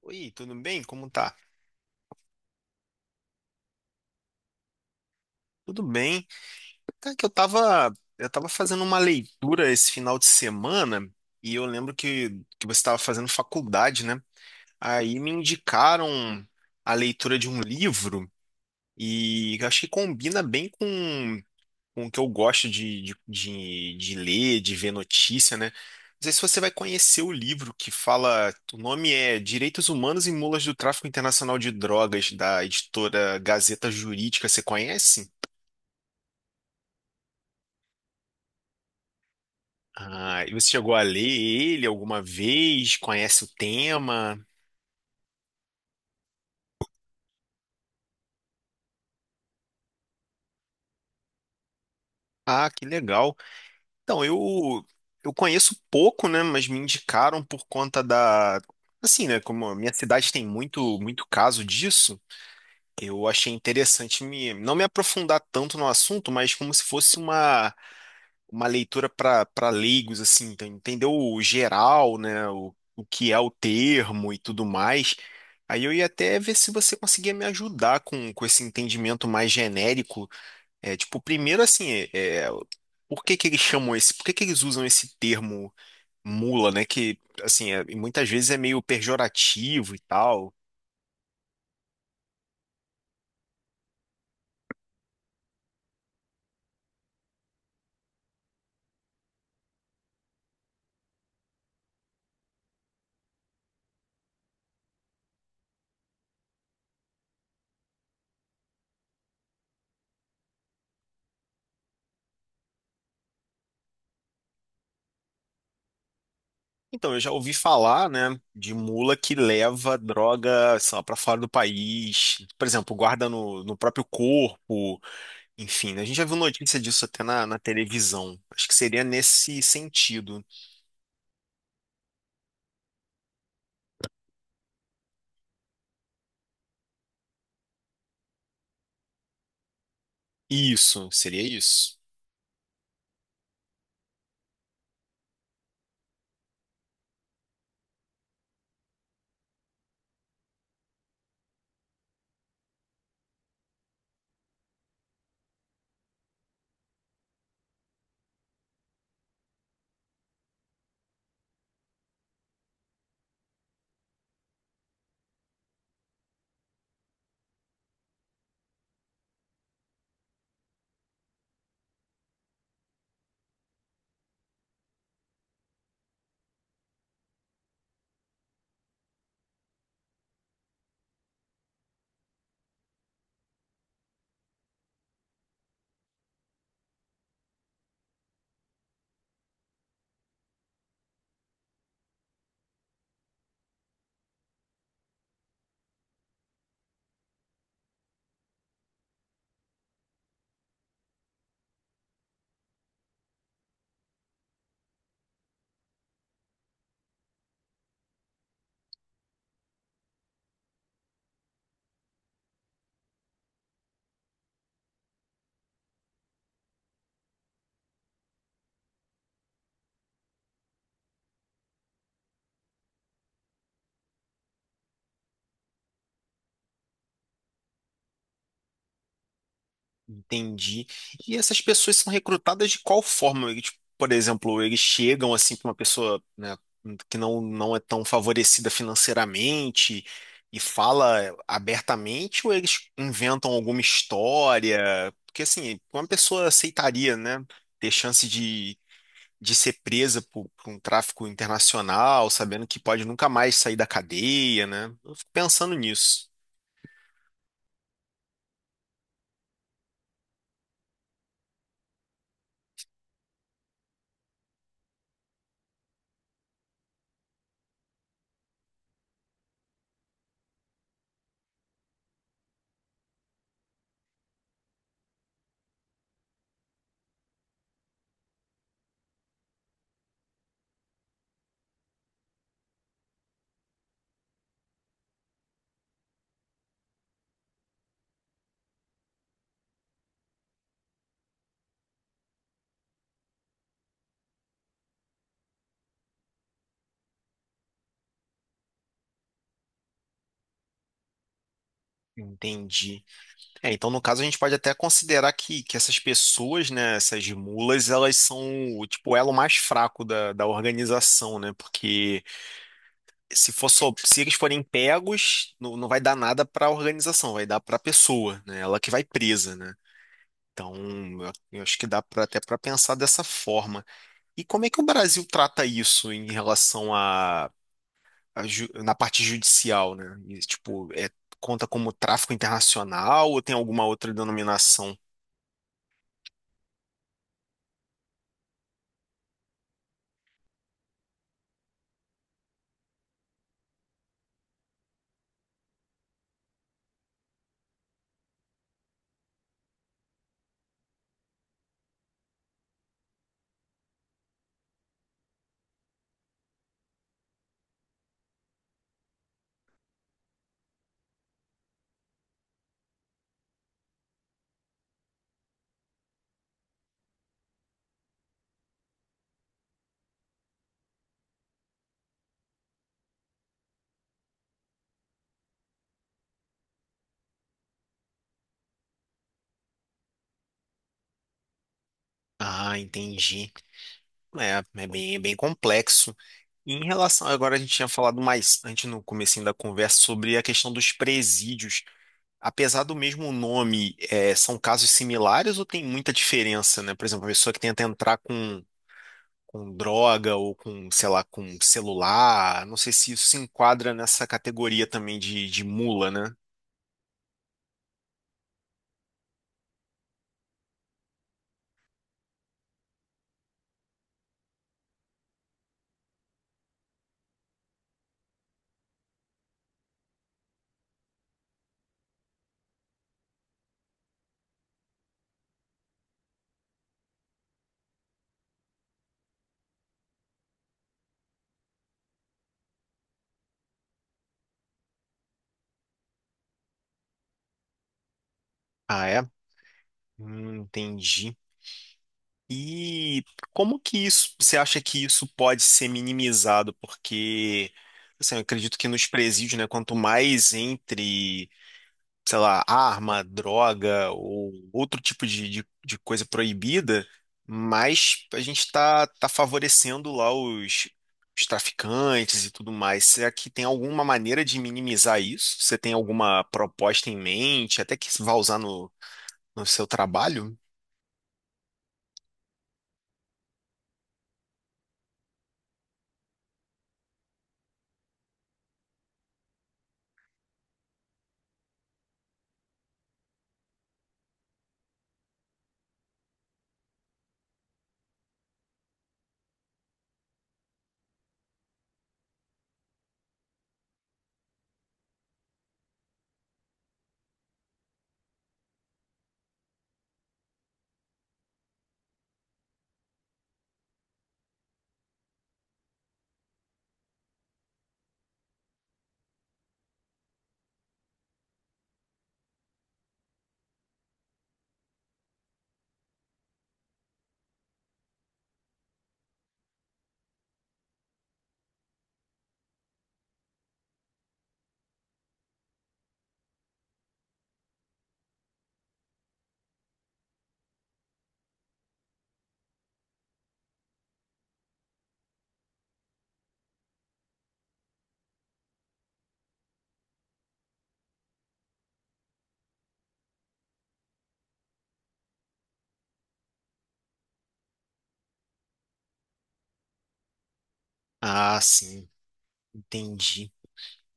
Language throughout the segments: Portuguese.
Oi, tudo bem? Como tá? Tudo bem. Tá que eu tava, eu tava fazendo uma leitura esse final de semana e eu lembro que você estava fazendo faculdade, né? Aí me indicaram a leitura de um livro e eu acho que combina bem com o que eu gosto de ler, de ver notícia, né? Não sei se você vai conhecer o livro que fala, o nome é Direitos Humanos e Mulas do Tráfico Internacional de Drogas, da editora Gazeta Jurídica. Você conhece? Ah, e você chegou a ler ele alguma vez? Conhece o tema? Ah, que legal. Então, eu conheço pouco, né, mas me indicaram por conta da assim, né, como a minha cidade tem muito caso disso, eu achei interessante me não me aprofundar tanto no assunto, mas como se fosse uma leitura para leigos, assim, então, entender o geral, né, o que é o termo e tudo mais. Aí eu ia até ver se você conseguia me ajudar com esse entendimento mais genérico. É, tipo, primeiro, assim, é, é, por que que eles usam esse termo mula, né, que, assim, e muitas vezes é meio pejorativo e tal. Então, eu já ouvi falar, né, de mula que leva droga, sei lá, para fora do país, por exemplo, guarda no próprio corpo. Enfim, né, a gente já viu notícia disso até na televisão. Acho que seria nesse sentido. Isso, seria isso. Entendi. E essas pessoas são recrutadas de qual forma? Eles, tipo, por exemplo, eles chegam assim para uma pessoa, né, que não é tão favorecida financeiramente e fala abertamente, ou eles inventam alguma história? Porque assim, uma pessoa aceitaria, né, ter chance de ser presa por um tráfico internacional, sabendo que pode nunca mais sair da cadeia, né? Eu fico pensando nisso. Entendi. É, então, no caso, a gente pode até considerar que essas pessoas, né, essas mulas, elas são o elo mais fraco da organização, né? Porque se for só, se eles forem pegos, não vai dar nada para a organização, vai dar para a pessoa, né? Ela que vai presa, né? Então, eu acho que dá pra, até para pensar dessa forma. E como é que o Brasil trata isso em relação na parte judicial, né? E, tipo, é, conta como tráfico internacional ou tem alguma outra denominação? Ah, entendi. É bem complexo. E em relação, agora a gente tinha falado mais antes no comecinho da conversa sobre a questão dos presídios. Apesar do mesmo nome, é, são casos similares ou tem muita diferença, né? Por exemplo, a pessoa que tenta entrar com droga ou com, sei lá, com celular. Não sei se isso se enquadra nessa categoria também de mula, né? Ah, é? Entendi. E como que isso, você acha que isso pode ser minimizado? Porque, assim, eu acredito que nos presídios, né, quanto mais entre sei lá, arma, droga ou outro tipo de coisa proibida, mas a gente está tá tá favorecendo lá os traficantes e tudo mais. Será que tem alguma maneira de minimizar isso? Você tem alguma proposta em mente, até que vá usar no seu trabalho? Ah, sim, entendi.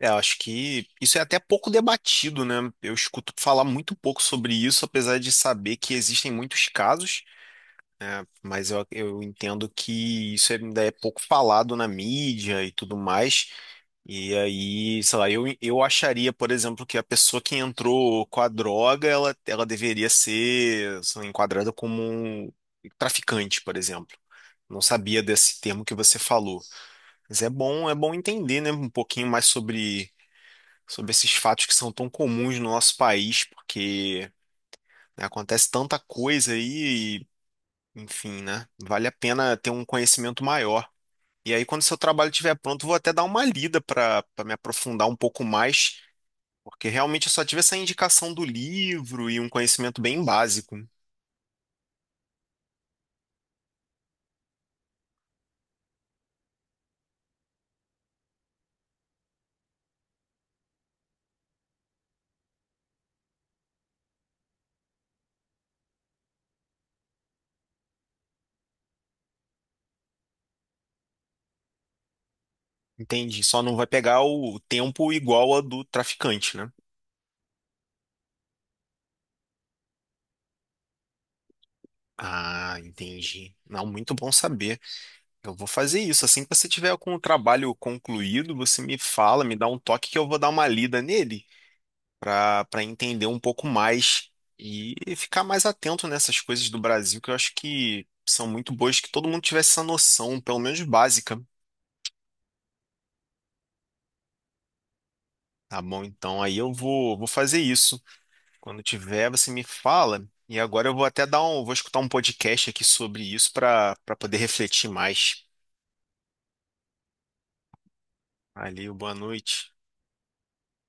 É, eu acho que isso é até pouco debatido, né? Eu escuto falar muito pouco sobre isso, apesar de saber que existem muitos casos. Mas eu entendo que isso ainda é pouco falado na mídia e tudo mais. E aí, sei lá, eu acharia, por exemplo, que a pessoa que entrou com a droga, ela deveria ser, sei lá, enquadrada como um traficante, por exemplo. Não sabia desse termo que você falou. Mas é bom entender, né, um pouquinho mais sobre, sobre esses fatos que são tão comuns no nosso país, porque né, acontece tanta coisa aí enfim, né? Vale a pena ter um conhecimento maior. E aí, quando seu trabalho estiver pronto, vou até dar uma lida para me aprofundar um pouco mais, porque realmente eu só tive essa indicação do livro e um conhecimento bem básico. Entendi. Só não vai pegar o tempo igual a do traficante, né? Ah, entendi. Não, muito bom saber. Eu vou fazer isso. Assim que você tiver com o trabalho concluído, você me fala, me dá um toque que eu vou dar uma lida nele para entender um pouco mais e ficar mais atento nessas coisas do Brasil, que eu acho que são muito boas, que todo mundo tivesse essa noção, pelo menos básica, tá bom? Então aí vou fazer isso. Quando tiver, você me fala. E agora eu vou até vou escutar um podcast aqui sobre isso para poder refletir mais. Valeu, boa noite.